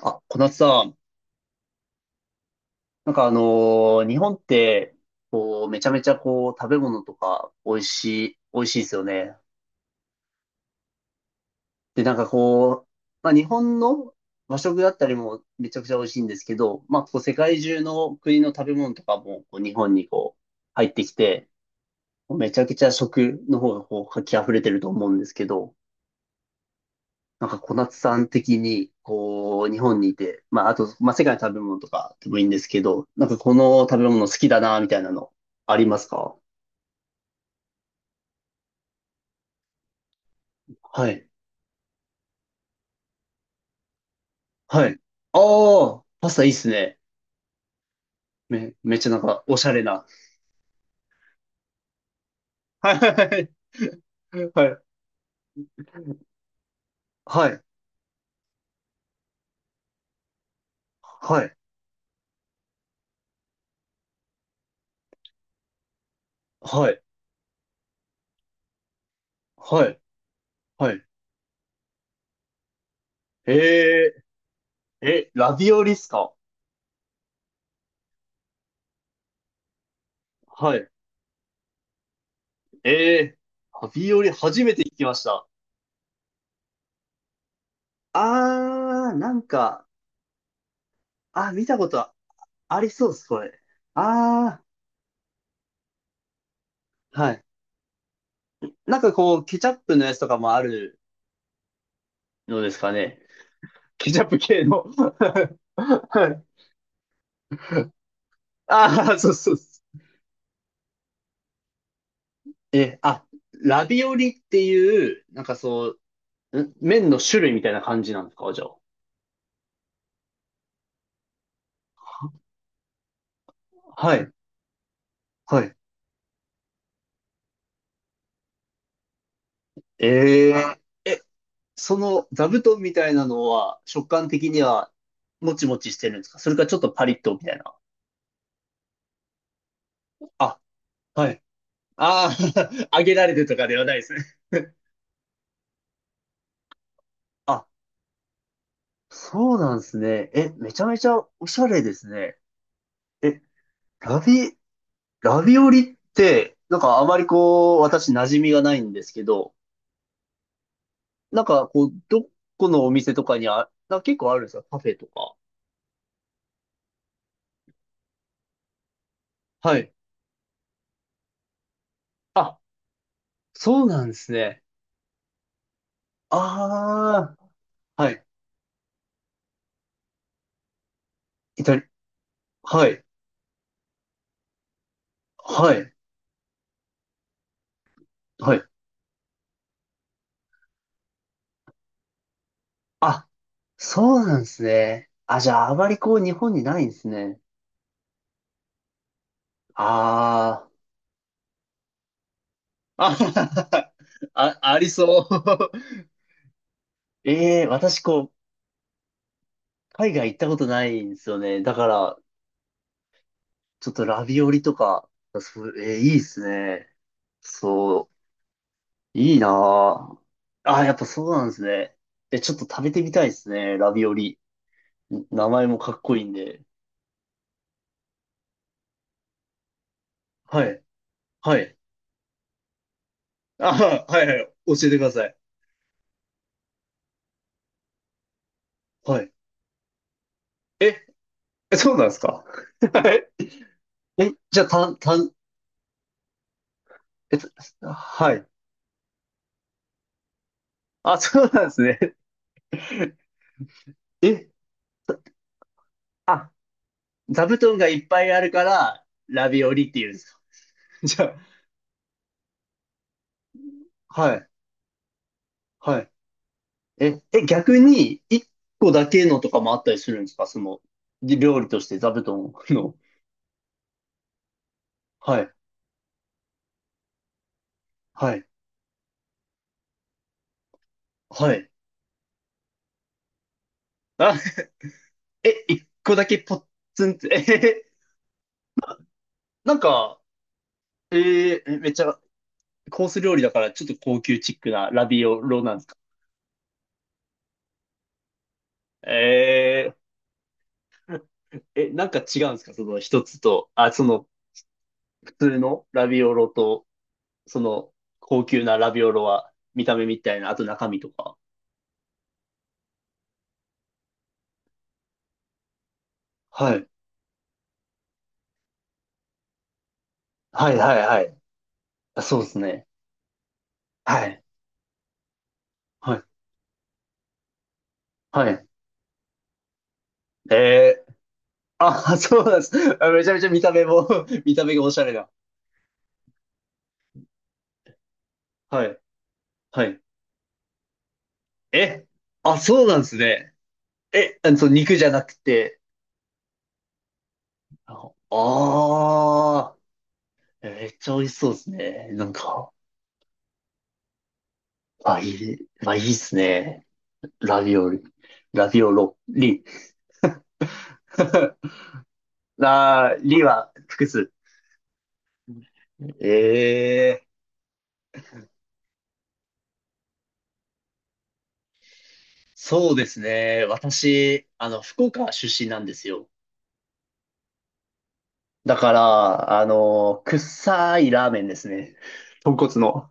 あ、小夏さん、なんか日本って、こう、めちゃめちゃこう、食べ物とか、美味しいですよね。で、なんかこう、まあ日本の和食だったりもめちゃくちゃ美味しいんですけど、まあこう、世界中の国の食べ物とかも、こう、日本にこう、入ってきて、めちゃくちゃ食の方がこう、活気溢れてると思うんですけど、なんか小夏さん的に、こう、日本にいて、まあ、あと、まあ、世界の食べ物とかでもいいんですけど、なんかこの食べ物好きだな、みたいなの、ありますか？はい。はい。ああ、パスタいいっすね。めっちゃなんか、おしゃれな。はい。はい。はい。はい。はい。はい。はい。えラビオリっすか？はい。えラビオリ初めて聞きました。あー、なんか、あ、見たことありそうです、これ。ああ、はい。なんかこう、ケチャップのやつとかもあるのですかね。ケチャップ系の。はい。ああ、そうそうそう。え、あ、ラビオリっていう、なんかそう、麺の種類みたいな感じなんですか、じゃあ。はい、はい。えええ、その座布団みたいなのは、食感的には、もちもちしてるんですか？それかちょっとパリッとみたいな。あ、はい。ああ、揚げられてとかではないですね。あ、そうなんですね。え、めちゃめちゃおしゃれですね。え、ラビ、ラビオリって、なんかあまりこう、私馴染みがないんですけど、なんかこう、どこのお店とかになんか結構あるんですか？カフェとか。はい。あ、そうなんですね。ああ、はい。イタリ、はい。はい。はい。あ、そうなんですね。あ、じゃああまりこう、日本にないんですね。ああ、あ、あありそう。ええ私こう、海外行ったことないんですよね。だから、ちょっとラビオリとか、そう、ええいいですね。そう、いいなぁ。あー、やっぱそうなんですね。え、ちょっと食べてみたいですね、ラビオリ。名前もかっこいいんで。はい、はい。あー、はい、はい、教えてください。はい。え、え、そうなんですか？ え、じゃあ、え、はい。あ、そうなんですね。え、あ、座布団がいっぱいあるから、ラビオリって言うんですか？ じゃあ、はい、はい。え、え、逆に、一個だけのとかもあったりするんですか？その、料理として座布団の。はい、はい、はい。あ、え、一個だけポッツンって、えへへなんか、めっちゃ、コース料理だから、ちょっと高級チックなラビオロなんですか？ええ、なんか違うんですか？その一つと、あ、その、普通のラビオロと。その、高級なラビオロは、見た目みたいな、あと中身とか。はい。はいはいはい。あ、そうですね。はい。はい。はい。えー、あ、そうなんです。あめちゃめちゃ見た目も 見た目がおしゃれだ。はい。はい。え、あ、そうなんですね。え、あそう、肉じゃなくて。ああー、めっちゃ美味しそうですね。なんか、あ、いい、まあ、いいですね。ラビオリ、ラビオロ、リ。あー、リは複数。ええ、そうですね。私、福岡出身なんですよ。だから、臭いラーメンですね。豚骨の。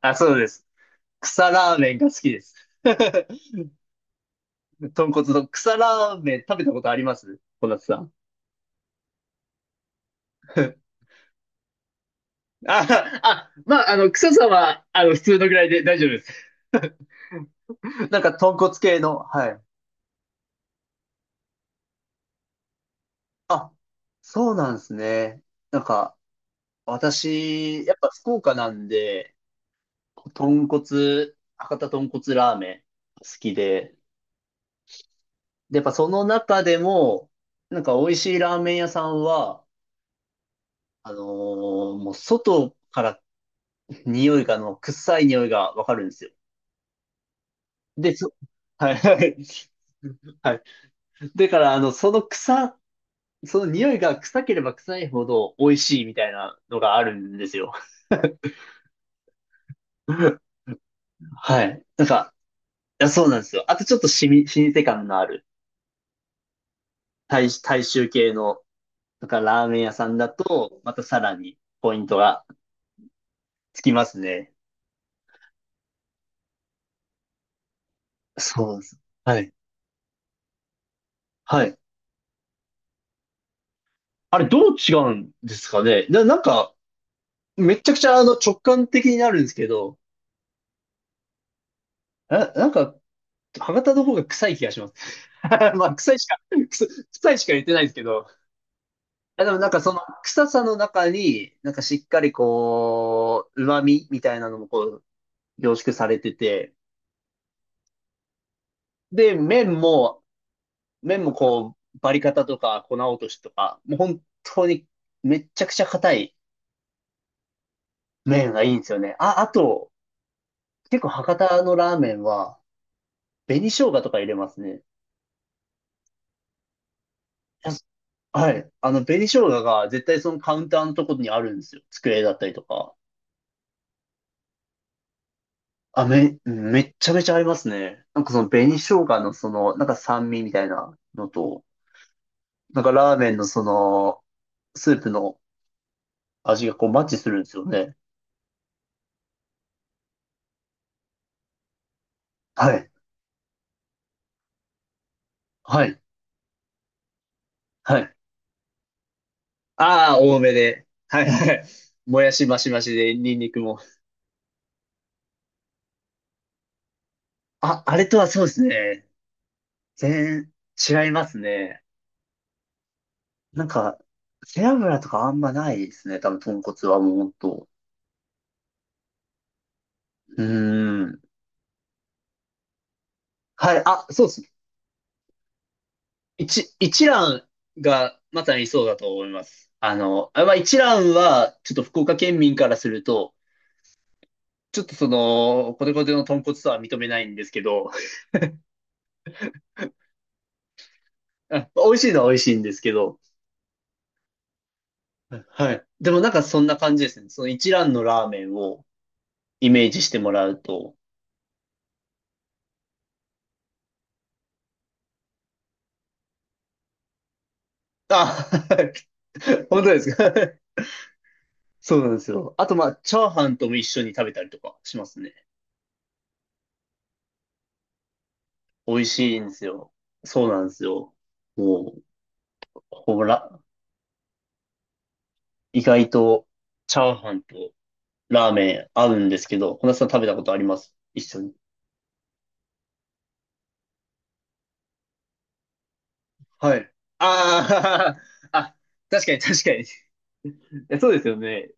あ、そうです。草ラーメンが好きです。豚骨の草ラーメン食べたことあります？小夏さん。あ、あ、まあ、草さんは、普通のぐらいで大丈夫です。なんか、豚骨系の、はい。あ、そうなんですね。なんか、私、やっぱ福岡なんで、博多豚骨ラーメン好きで、で、やっぱその中でも、なんか美味しいラーメン屋さんは、もう外から匂いが、あの、臭い匂いがわかるんですよ。で、はいはい。はい。だから、その臭、その匂いが臭ければ臭いほど美味しいみたいなのがあるんですよ。はい。なんか、いや、そうなんですよ。あとちょっと老舗感のある大衆系のだからラーメン屋さんだと、またさらにポイントがつきますね。そうです。はい。はい。あれ、どう違うんですかねなんか、めちゃくちゃ直感的になるんですけど、なんか、博多の方が臭い気がします。まあ、臭臭いしか言ってないんですけど、あでもなんかその臭さの中に、なんかしっかりこう、旨味みたいなのもこう、凝縮されてて、で、麺もこう、バリカタとか粉落としとか、もう本当にめっちゃくちゃ硬い麺がいいんですよね。あ、あと、結構博多のラーメンは、紅生姜とか入れますね。やっはい。紅生姜が絶対そのカウンターのところにあるんですよ。机だったりとか。あ、めっちゃめちゃ合いますね。なんかその紅生姜のその、なんか酸味みたいなのと、なんかラーメンのその、スープの味がこうマッチするんですよね。はい。はい。はい。ああ、多めで。はいはい。もやしマシマシで、ニンニクも。あ、あれとはそうですね。全然違いますね。なんか、背脂とかあんまないですね。多分、豚骨はもうほんと。うーん。はい。あ、そうですね。一蘭がまさにそうだと思います。あ、まあ、一蘭は、ちょっと福岡県民からすると、ちょっとその、コテコテの豚骨とは認めないんですけど、あ美味しいのは美味しいんですけど、はい。でもなんかそんな感じですね。その一蘭のラーメンをイメージしてもらうと。あ、本当ですか？ そうなんですよ。あとまあ、チャーハンとも一緒に食べたりとかしますね。美味しいんですよ。そうなんですよ。もう、ほら、意外とチャーハンとラーメン合うんですけど、小夏さん食べたことあります？一緒に。はい。ああ、あ、確かに確かに。そうですよね。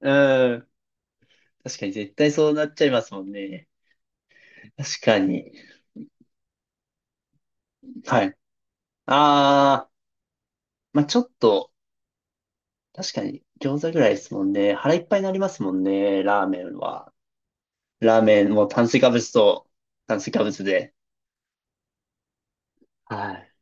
うん。確かに絶対そうなっちゃいますもんね。確かに。はい。ああ、まあちょっと、確かに餃子ぐらいですもんね。腹いっぱいになりますもんね、ラーメンは。ラーメンも炭水化物と炭水化物で。はい。